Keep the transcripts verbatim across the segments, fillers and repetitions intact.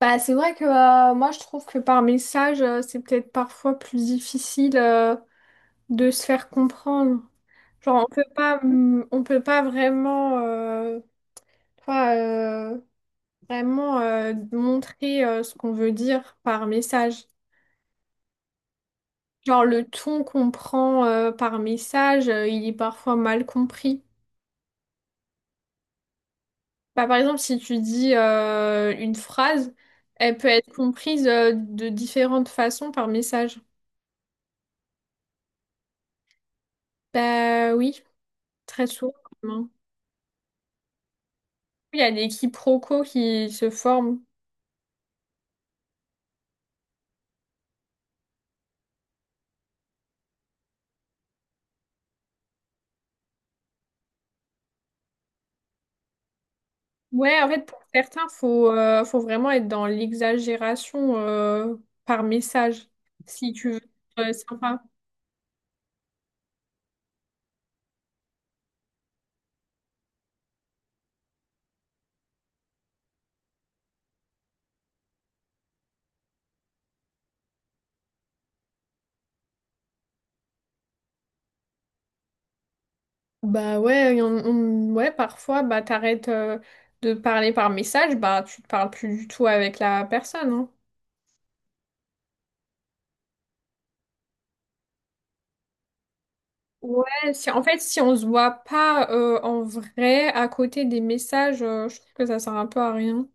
Bah, c'est vrai que euh, moi je trouve que par message, euh, c'est peut-être parfois plus difficile euh, de se faire comprendre. Genre on peut pas hum, on peut pas vraiment euh, toi, euh, vraiment euh, montrer euh, ce qu'on veut dire par message. Genre le ton qu'on prend euh, par message, euh, il est parfois mal compris. Bah, par exemple, si tu dis euh, une phrase, elle peut être comprise euh, de différentes façons par message. Bah oui, très souvent, hein. Il y a des quiproquos qui se forment. Ouais, en fait, pour certains, faut, euh, faut vraiment être dans l'exagération euh, par message, si tu veux être sympa. Bah ouais, y en- on- ouais, parfois, bah t'arrêtes euh, de parler par message, bah tu te parles plus du tout avec la personne, hein. Ouais, si, en fait, si on se voit pas euh, en vrai à côté des messages, euh, je trouve que ça sert un peu à rien.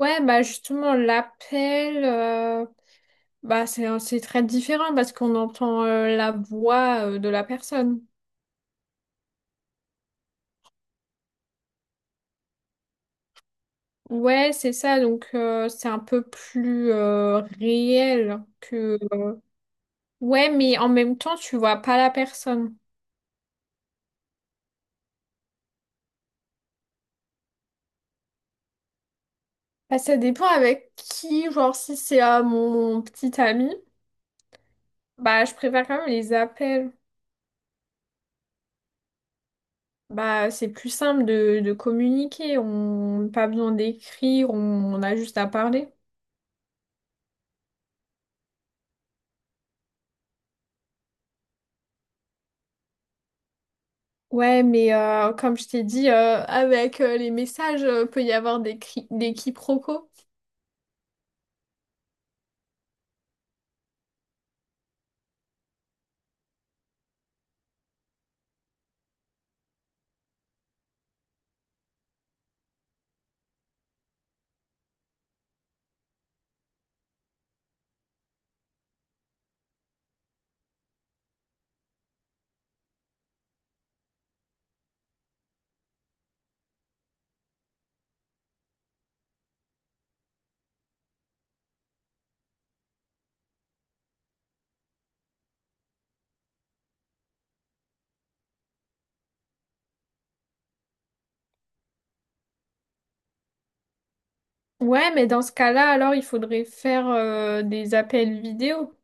Ouais, bah justement, l'appel. euh, Bah, c'est, c'est très différent parce qu'on entend euh, la voix euh, de la personne. Ouais, c'est ça, donc euh, c'est un peu plus euh, réel que... Ouais, mais en même temps, tu vois pas la personne. Bah, ça dépend avec qui, genre si c'est à mon, mon petit ami, bah je préfère quand même les appels. Bah c'est plus simple de, de communiquer, on n'a pas besoin d'écrire, on on a juste à parler. Ouais, mais euh, comme je t'ai dit, euh, avec euh, les messages, euh, peut y avoir des, cri- des quiproquos. Ouais, mais dans ce cas-là, alors il faudrait faire euh, des appels vidéo.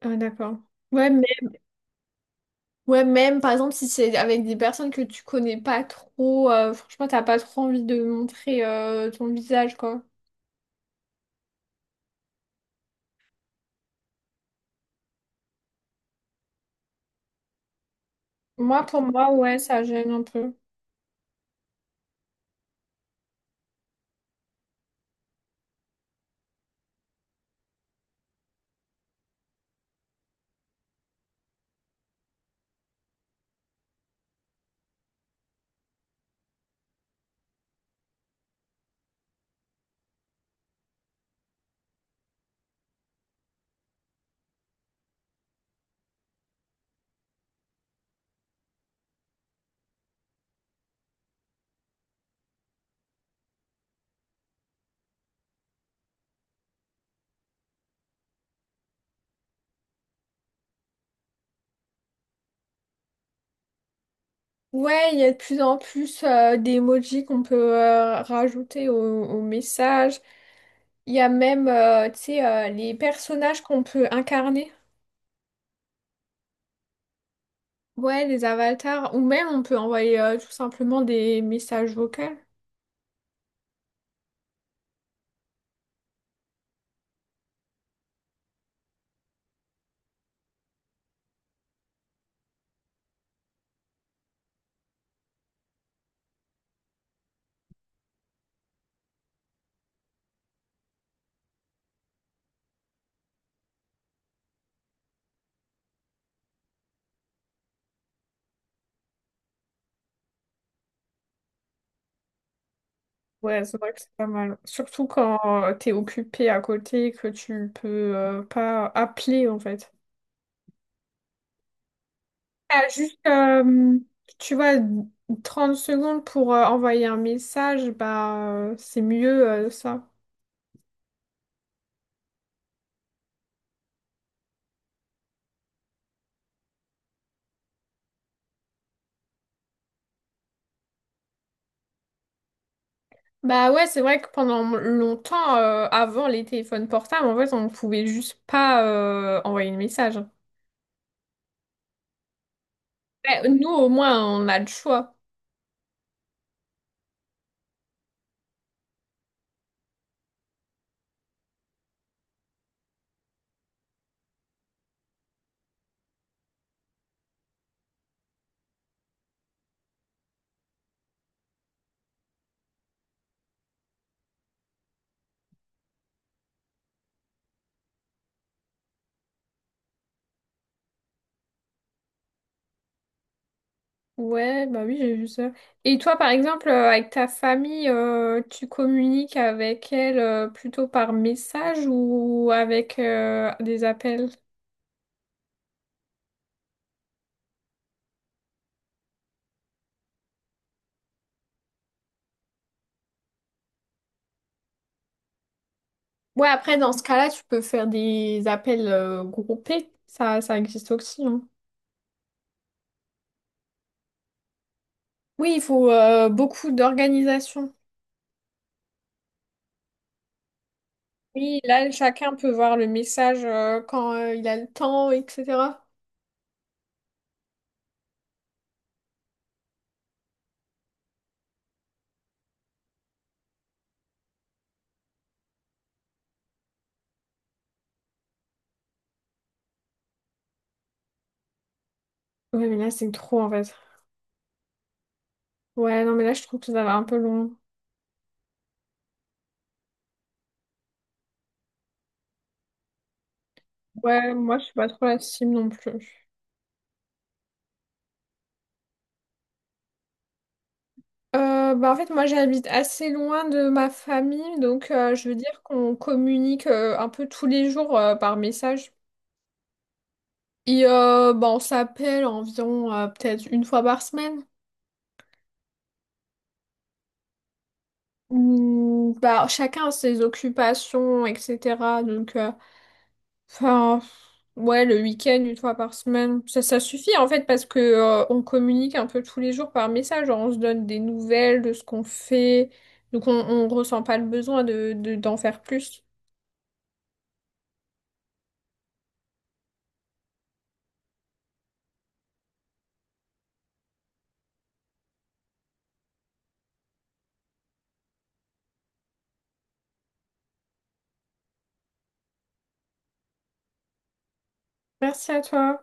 Ah, d'accord. Ouais, mais... ouais, même par exemple, si c'est avec des personnes que tu connais pas trop, euh, franchement, t'as pas trop envie de montrer euh, ton visage, quoi. Moi, pour moi, ouais, ça gêne un peu. Ouais, il y a de plus en plus euh, d'emojis qu'on peut euh, rajouter au, au message. Il y a même, euh, tu sais, euh, les personnages qu'on peut incarner. Ouais, les avatars. Ou même, on peut envoyer euh, tout simplement des messages vocaux. Ouais, c'est vrai que c'est pas mal. Surtout quand euh, t'es occupé à côté, et que tu peux euh, pas appeler, en fait. Ah, juste, euh, tu vois, trente secondes pour euh, envoyer un message, bah, euh, c'est mieux euh, ça. Bah ouais, c'est vrai que pendant longtemps, euh, avant les téléphones portables, en fait, on ne pouvait juste pas euh, envoyer de message. Ouais, nous, au moins, on a le choix. Ouais, bah oui, j'ai vu ça. Et toi, par exemple, euh, avec ta famille, euh, tu communiques avec elle euh, plutôt par message ou avec euh, des appels? Ouais, après, dans ce cas-là, tu peux faire des appels euh, groupés. Ça, ça existe aussi, hein. Oui, il faut euh, beaucoup d'organisation. Oui, là, chacun peut voir le message euh, quand euh, il a le temps, et cetera. Ouais, mais là, c'est trop, en fait. Ouais, non, mais là, je trouve que ça va un peu long. Ouais, moi, je suis pas trop la cible non plus. Euh, bah, en fait, moi, j'habite assez loin de ma famille, donc euh, je veux dire qu'on communique euh, un peu tous les jours euh, par message. Et euh, bah, on s'appelle environ euh, peut-être une fois par semaine. Hmm, bah, chacun a ses occupations, et cetera. Donc, euh, Enfin, ouais, le week-end, une fois par semaine, ça, ça suffit en fait parce que euh, on communique un peu tous les jours par message, genre on se donne des nouvelles de ce qu'on fait, donc on, on ressent pas le besoin de, de- d'en faire plus. Merci à toi.